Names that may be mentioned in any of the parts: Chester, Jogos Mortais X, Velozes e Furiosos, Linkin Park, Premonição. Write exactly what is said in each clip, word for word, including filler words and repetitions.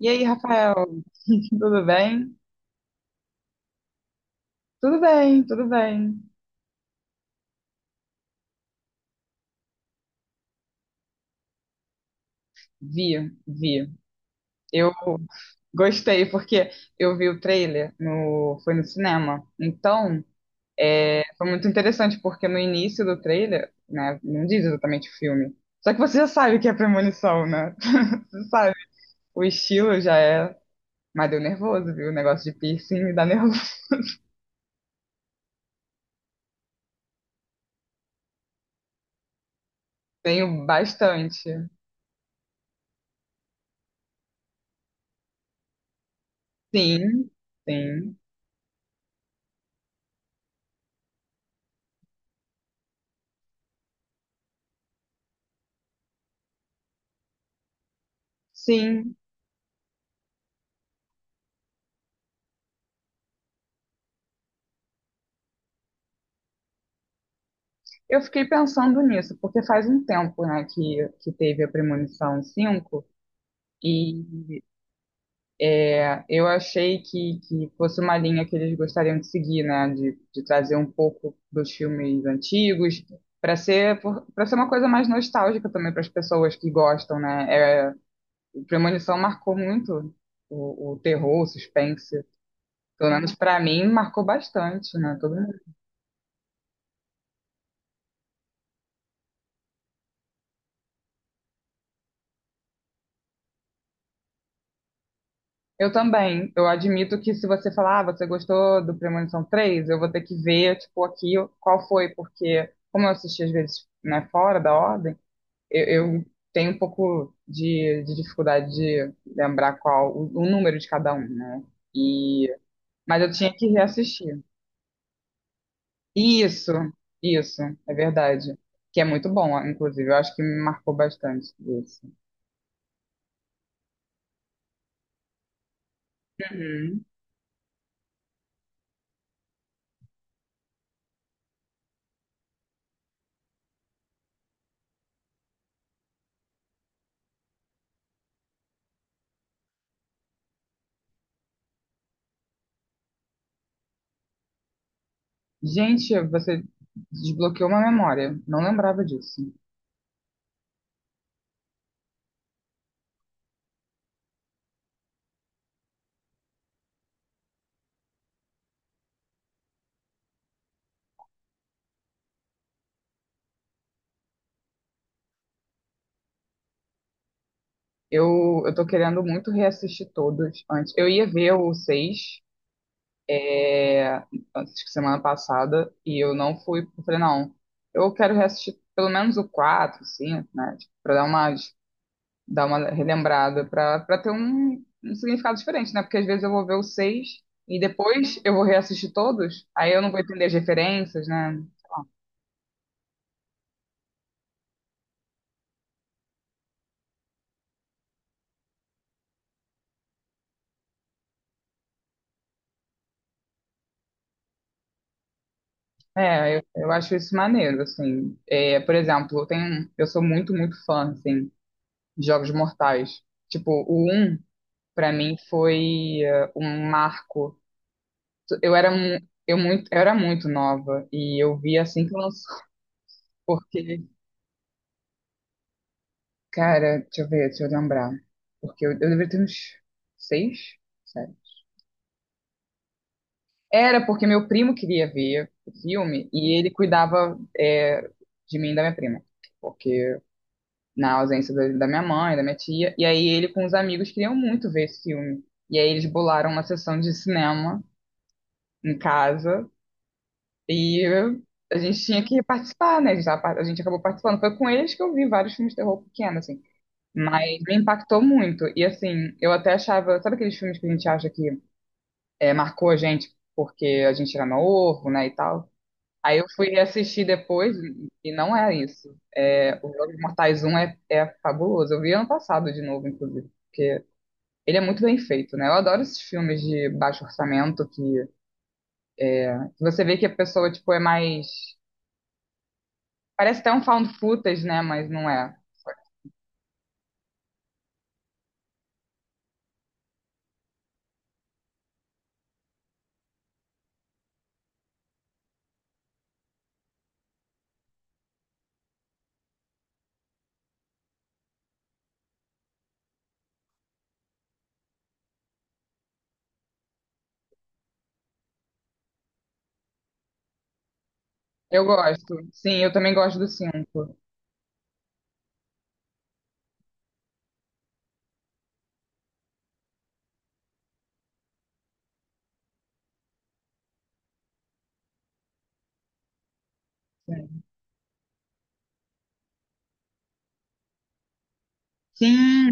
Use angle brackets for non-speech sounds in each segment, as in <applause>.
E aí, Rafael, <laughs> tudo bem? Tudo bem, tudo bem. Vi, vi. Eu gostei porque eu vi o trailer no, foi no cinema. Então, é, foi muito interessante porque no início do trailer, né, não diz exatamente o filme. Só que você já sabe o que é premonição, né? <laughs> Você sabe. O estilo já é, mas deu nervoso, viu? O negócio de piercing me dá nervoso. <laughs> Tenho bastante. Sim, sim, sim. Eu fiquei pensando nisso, porque faz um tempo, né, que, que teve a Premonição cinco e é, eu achei que, que fosse uma linha que eles gostariam de seguir, né, de, de trazer um pouco dos filmes antigos, para ser, para ser uma coisa mais nostálgica também para as pessoas que gostam, né. É, o Premonição marcou muito o, o terror, o suspense, pelo menos para mim, marcou bastante, né, todo. Eu também. Eu admito que se você falar, ah, você gostou do Premonição três, eu vou ter que ver, tipo, aqui qual foi, porque como eu assisti às vezes, né, fora da ordem, eu, eu tenho um pouco de, de dificuldade de lembrar qual o, o número de cada um, né? E, mas eu tinha que reassistir. Isso, isso, é verdade. Que é muito bom, inclusive. Eu acho que me marcou bastante isso. Uhum. Gente, você desbloqueou uma memória. Não lembrava disso. Eu, eu tô querendo muito reassistir todos antes. Eu ia ver o seis antes que semana passada e eu não fui. Eu falei, não, eu quero reassistir pelo menos o quatro cinco, né? Tipo, pra dar uma, dar uma relembrada, pra, pra ter um, um significado diferente, né? Porque às vezes eu vou ver o seis e depois eu vou reassistir todos, aí eu não vou entender as referências, né? Sei lá. É, eu, eu acho isso maneiro, assim. É, por exemplo, eu tenho, eu sou muito, muito fã, assim. Jogos Mortais. Tipo, o um pra mim, foi eh, um marco. Eu era, mu- eu muito, eu era muito nova e eu vi assim que lançou. Porque, cara, deixa eu ver, deixa eu lembrar. Porque eu, eu deveria ter uns seis, sete. Era porque meu primo queria ver o filme e ele cuidava eh, de mim e da minha prima. Porque na ausência da da minha mãe, da minha tia. E aí ele com os amigos queriam muito ver esse filme. E aí eles bolaram uma sessão de cinema em casa e a gente tinha que participar, né? A gente, tava par- a gente acabou participando. Foi com eles que eu vi vários filmes de terror pequeno, assim. Mas me impactou muito. E assim, eu até achava, sabe aqueles filmes que a gente acha que é, marcou a gente porque a gente era novo, né, e tal? Aí eu fui assistir depois e não é isso. É, o Jogos Mortais um é, é fabuloso. Eu vi ano passado de novo, inclusive, porque ele é muito bem feito, né? Eu adoro esses filmes de baixo orçamento que é, que você vê que a pessoa, tipo, é mais. Parece até um found footage, né? Mas não é. Eu gosto. Sim, eu também gosto do cinco. Sim, sim,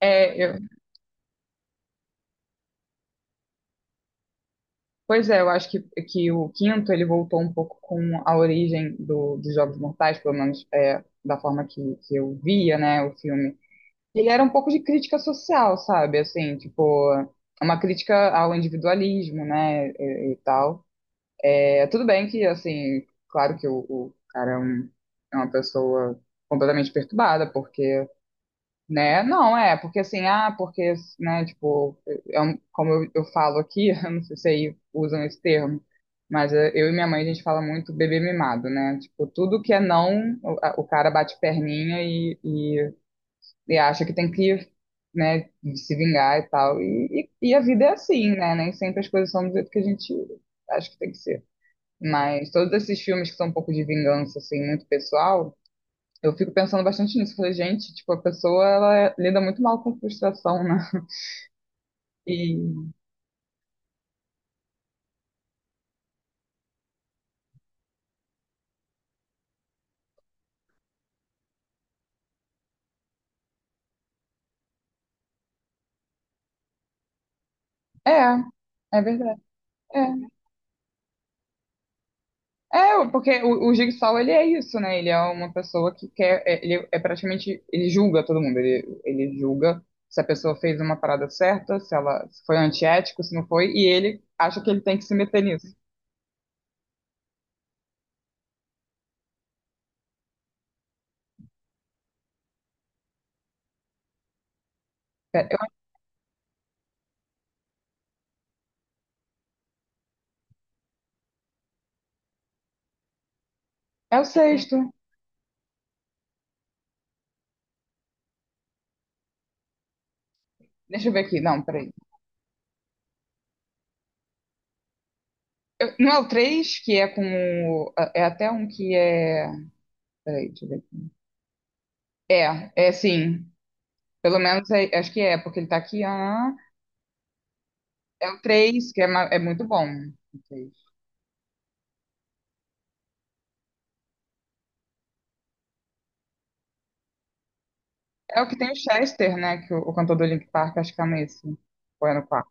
é, eu- pois é, eu acho que, que o quinto ele voltou um pouco com a origem do, dos Jogos Mortais, pelo menos é, da forma que, que eu via, né, o filme. Ele era um pouco de crítica social, sabe? Assim, tipo, uma crítica ao individualismo, né, e, e tal. É, tudo bem que, assim, claro que o, o cara é, um- é uma pessoa completamente perturbada, porque. Né? Não, é, porque assim, ah, porque, né, tipo, é um- como eu, eu falo aqui, <laughs> eu não sei se aí usam esse termo, mas é, eu e minha mãe, a gente fala muito bebê mimado, né? Tipo, tudo que é não, o, a- o cara bate perninha e, e, e acha que tem que, né, se vingar e tal. E, e, e a vida é assim, né? Nem sempre as coisas são do jeito que a gente acha que tem que ser. Mas todos esses filmes que são um pouco de vingança, assim, muito pessoal, eu fico pensando bastante nisso. Falei, gente, tipo, a pessoa, ela é- lida muito mal com frustração, né? E é, é verdade. É, é porque o, o Jigsaw, ele é isso, né? Ele é uma pessoa que quer, é- ele é praticamente, ele julga todo mundo. Ele, ele julga se a pessoa fez uma parada certa, se ela se foi antiético, se não foi, e ele acha que ele tem que se meter nisso. É, eu- é o sexto. Deixa eu ver aqui. Não, peraí. Eu- não é o três, que é com o, é até um que é, peraí, deixa eu ver. É, é sim. Pelo menos é- acho que é, porque ele tá aqui. Ah, é o três que é, ma- é muito bom. O três. É o que tem o Chester, né? Que o, o cantor do Linkin Park, acho que é nesse. Ou é no quarto.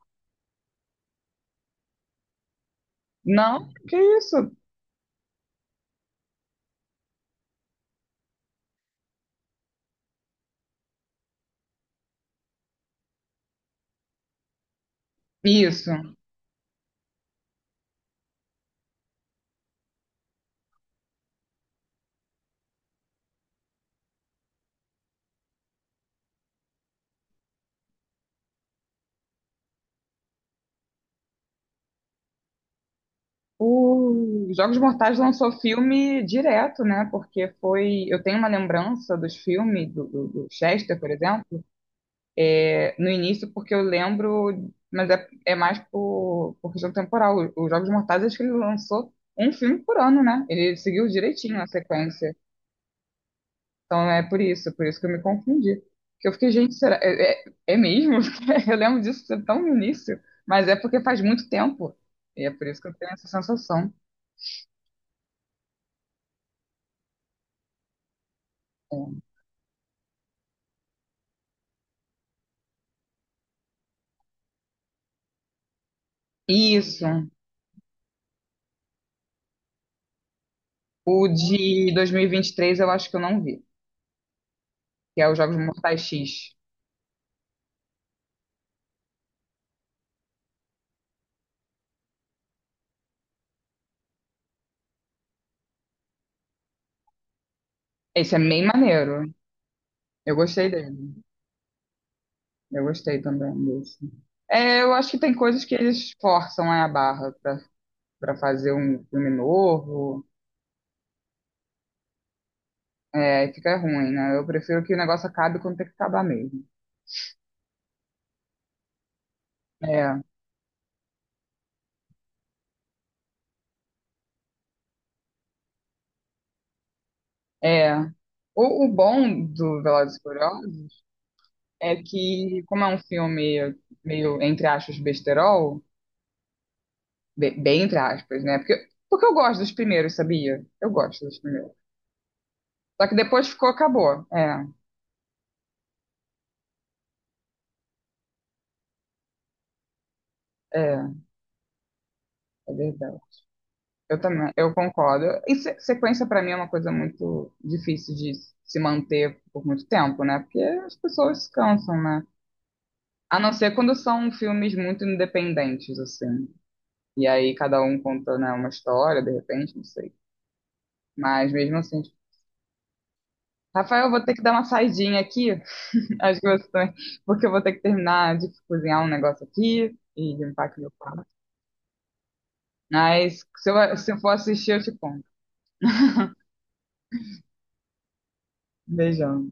Não, que isso? Isso. O Jogos Mortais lançou filme direto, né? Porque foi. Eu tenho uma lembrança dos filmes, do, do, do Chester, por exemplo, é, no início, porque eu lembro, mas é, é mais por, por questão temporal. Os Jogos Mortais, acho que ele lançou um filme por ano, né? Ele seguiu direitinho a sequência. Então é por isso, por isso que eu me confundi. Que eu fiquei, gente, será? É, é, é mesmo? <laughs> Eu lembro disso ser tão no início, mas é porque faz muito tempo. E é por isso que eu tenho essa sensação. É. Isso. O de dois mil e vinte e três eu acho que eu não vi, que é os Jogos Mortais X. Esse é bem maneiro. Eu gostei dele. Eu gostei também desse. É, eu acho que tem coisas que eles forçam, né, a barra pra, pra fazer um filme novo. É, fica ruim, né? Eu prefiro que o negócio acabe quando tem que acabar mesmo. É, é. O, o bom do Velozes e Furiosos é que, como é um filme meio, entre aspas, besterol, be- bem entre aspas, né? Porque, porque eu gosto dos primeiros, sabia? Eu gosto dos primeiros. Só que depois ficou, acabou. É, é, é verdade. Eu também, eu concordo. E se- sequência, pra mim, é uma coisa muito difícil de se manter por muito tempo, né? Porque as pessoas se cansam, né? A não ser quando são filmes muito independentes, assim. E aí cada um conta, né, uma história, de repente, não sei. Mas mesmo assim, tipo, Rafael, eu vou ter que dar uma saidinha aqui. <laughs> Acho que você também, porque eu vou ter que terminar de cozinhar um negócio aqui e limpar aqui meu quarto. Mas se eu, se eu for assistir, eu te conto. Beijão.